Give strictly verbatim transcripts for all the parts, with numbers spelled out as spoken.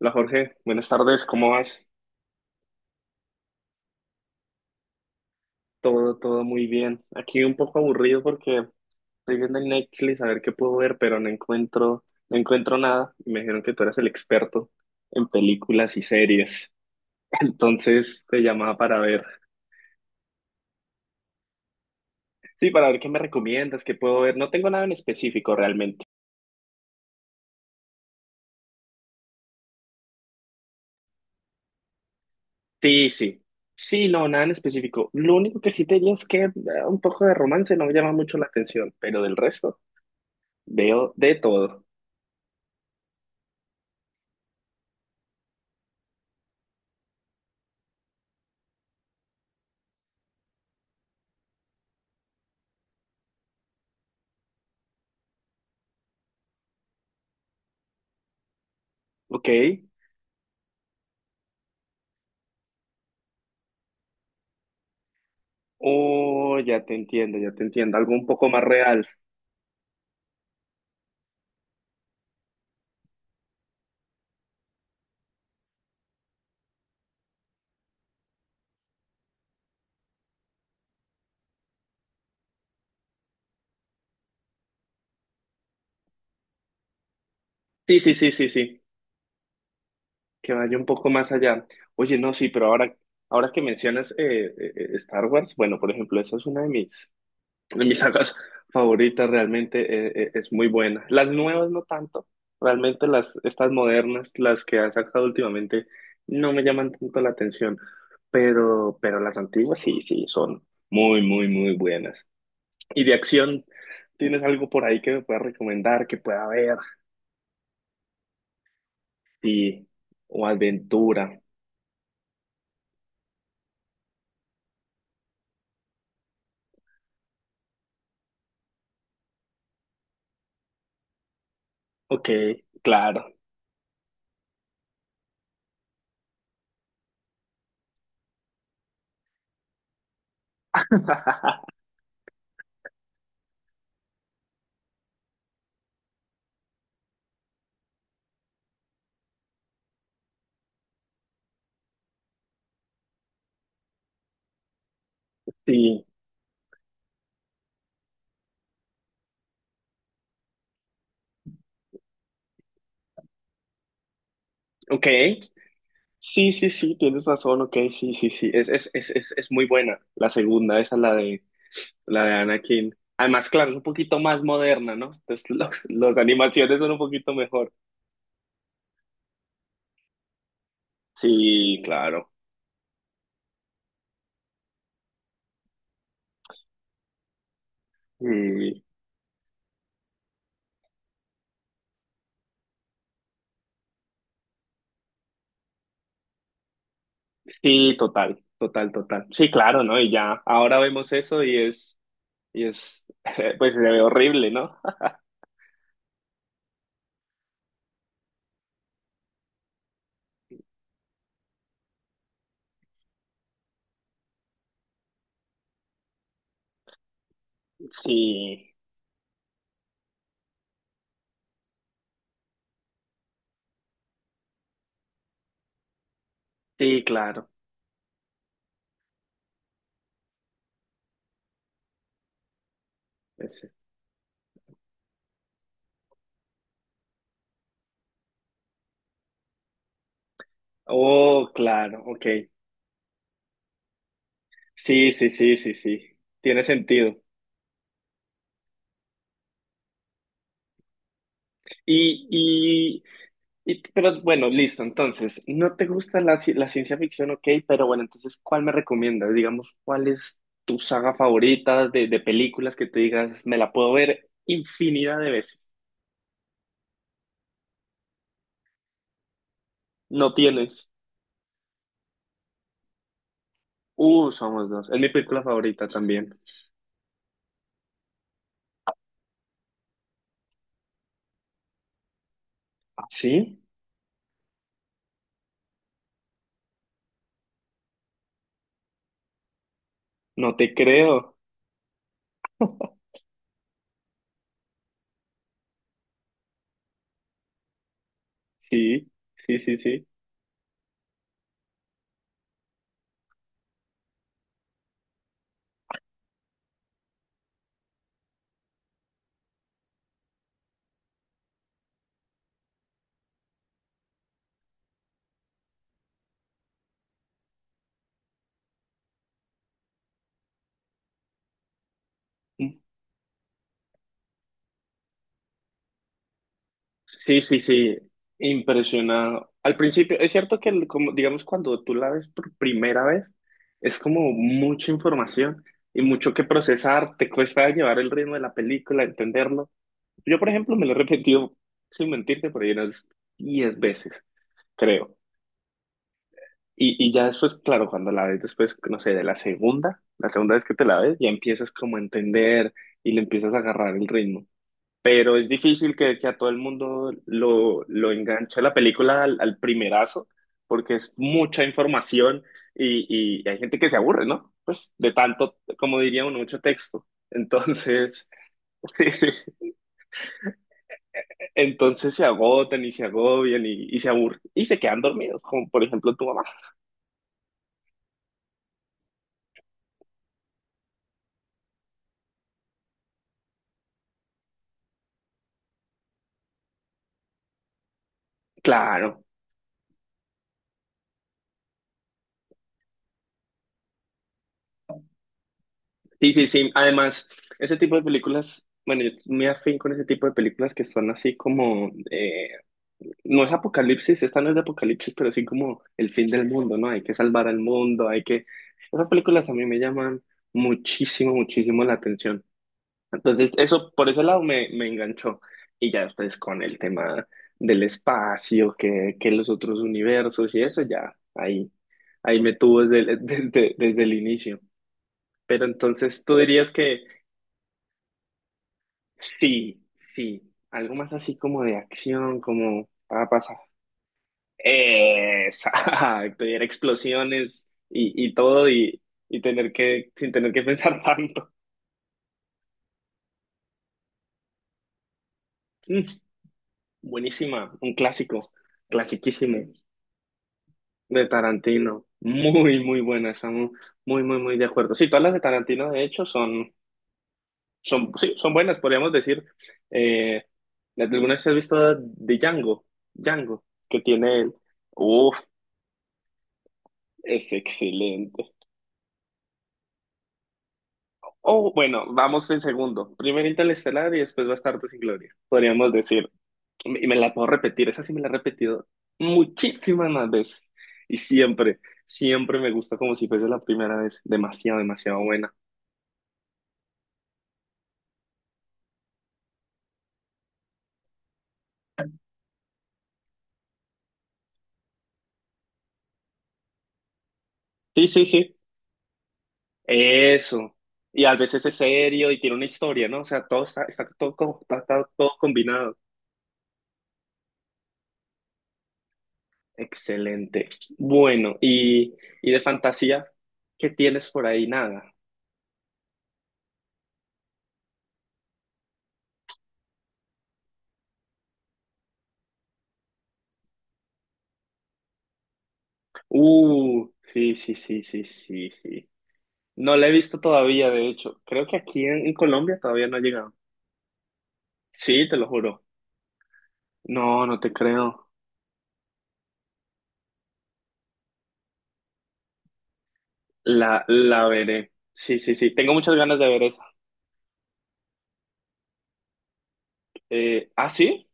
Hola Jorge, buenas tardes, ¿cómo vas? Todo, todo muy bien. Aquí un poco aburrido porque estoy viendo en Netflix a ver qué puedo ver, pero no encuentro, no encuentro nada. Y me dijeron que tú eras el experto en películas y series. Entonces te llamaba para ver. Sí, para ver qué me recomiendas, qué puedo ver. No tengo nada en específico realmente. Sí, sí. Sí, no, nada en específico. Lo único que sí te diría es que eh, un poco de romance no me llama mucho la atención, pero del resto veo de todo. Ok. Oh, ya te entiendo, ya te entiendo. Algo un poco más real. Sí, sí, sí, sí, sí. Que vaya un poco más allá. Oye, no, sí, pero ahora, ahora que mencionas eh, eh, eh, Star Wars, bueno, por ejemplo, esa es una de mis, de mis sagas favoritas, realmente eh, eh, es muy buena. Las nuevas no tanto, realmente las, estas modernas, las que han sacado últimamente, no me llaman tanto la atención, pero, pero las antiguas sí, sí, son muy, muy, muy buenas. Y de acción, ¿tienes algo por ahí que me puedas recomendar, que pueda ver? Sí, o aventura. Ok, claro. Sí, ok. Sí, sí, sí, tienes razón, ok, sí, sí, sí. Es, es, es, es, es muy buena la segunda, esa la de, la de Anakin. Además, claro, es un poquito más moderna, ¿no? Entonces, los, las animaciones son un poquito mejor. Sí, claro. Sí, sí, total, total, total. Sí, claro, ¿no? Y ya, ahora vemos eso y es... Y es, pues se ve horrible, ¿no? Sí, sí, claro. Ese. Oh, claro, ok. Sí, sí, sí, sí, sí. Tiene sentido. Y, y, y- pero bueno, listo. Entonces, no te gusta la, ci- la ciencia ficción, ok, pero bueno, entonces, ¿cuál me recomiendas? Digamos, ¿cuál es tu saga favorita de, de películas que tú digas, me la puedo ver infinidad de veces? No tienes. Uh, somos dos. Es mi película favorita también. ¿Ah, sí? No te creo. Sí, sí, sí, sí. Sí, sí, sí. Impresionado. Al principio, es cierto que, el- como, digamos, cuando tú la ves por primera vez, es como mucha información y mucho que procesar. Te cuesta llevar el ritmo de la película, entenderlo. Yo, por ejemplo, me lo he repetido, sin mentirte, por ahí unas diez veces, creo. Y, y ya después, claro, cuando la ves después, no sé, de la segunda, la segunda vez que te la ves, ya empiezas como a entender y le empiezas a agarrar el ritmo. Pero es difícil que, que a todo el mundo lo, lo enganche la película al, al primerazo, porque es mucha información y, y hay gente que se aburre, ¿no? Pues de tanto, como diría uno, mucho texto. Entonces, entonces se agotan y se agobian y, y se aburren y se quedan dormidos, como por ejemplo tu mamá. Claro, sí, sí, sí. Además, ese tipo de películas, bueno, yo me afín con ese tipo de películas que son así como eh, no es apocalipsis, esta no es de apocalipsis, pero sí como el fin del mundo, ¿no? Hay que salvar al mundo, hay que... Esas películas a mí me llaman muchísimo, muchísimo la atención. Entonces, eso por ese lado me, me enganchó. Y ya después con el tema del espacio, que, que los otros universos y eso, ya ahí, ahí me tuvo desde, el- desde, desde el inicio. Pero entonces tú dirías que sí, sí, algo más así como de acción, como... ah, pasa Exacto, y era explosiones y, y todo y, y tener que, sin tener que pensar tanto. Mm, buenísima, un clásico, clasiquísimo de Tarantino. Muy, muy buena, estamos muy, muy, muy de acuerdo. Sí, todas las de Tarantino, de hecho, son, son, sí, son buenas, podríamos decir. Eh, ¿alguna vez has visto de Django? Django, que tiene él. Uf, es excelente. Oh, bueno, vamos en segundo. Primero Interestelar y después Bastardos sin Gloria. Podríamos decir, y me la puedo repetir, esa sí me la he repetido muchísimas más veces. Y siempre, siempre me gusta como si fuese la primera vez. Demasiado, demasiado buena. Sí, sí, sí. Eso. Y a veces es serio y tiene una historia, ¿no? O sea, todo está, está todo, co- está- está todo combinado. Excelente. Bueno, y, y de fantasía, ¿qué tienes por ahí? Nada. Uh, sí, sí, sí, sí, sí, sí. No la he visto todavía, de hecho. Creo que aquí en, en Colombia todavía no ha llegado. Sí, te lo juro. No, no te creo. La, la veré. Sí, sí, sí. Tengo muchas ganas de ver esa. Eh, ¿ah, sí?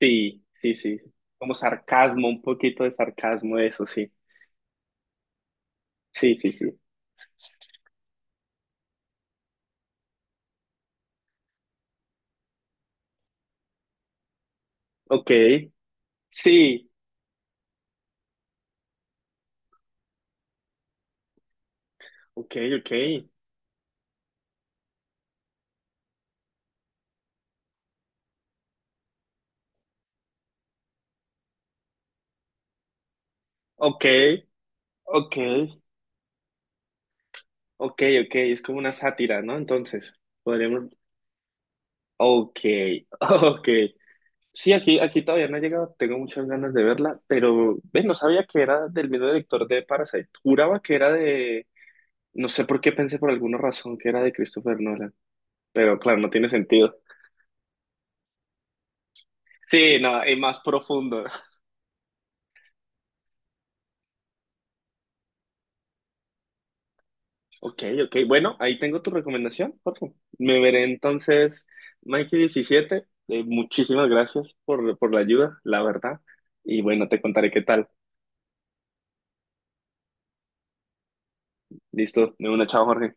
Sí, sí, sí. Como sarcasmo, un poquito de sarcasmo, eso sí. Sí, sí, sí. Ok. Sí. Ok, ok. Ok, ok. Ok, ok. Es como una sátira, ¿no? Entonces, podríamos... Ok, ok. Sí, aquí, aquí todavía no he llegado, tengo muchas ganas de verla, pero ves, no sabía que era del mismo director de Parasite. Juraba que era de, no sé por qué pensé por alguna razón que era de Christopher Nolan, pero claro, no tiene sentido. Sí, no, y más profundo. Ok, ok, bueno, ahí tengo tu recomendación, Jorge. Me veré entonces Mikey diecisiete. Eh, muchísimas gracias por, por la ayuda, la verdad. Y bueno, te contaré qué tal. Listo, de una, chao, Jorge.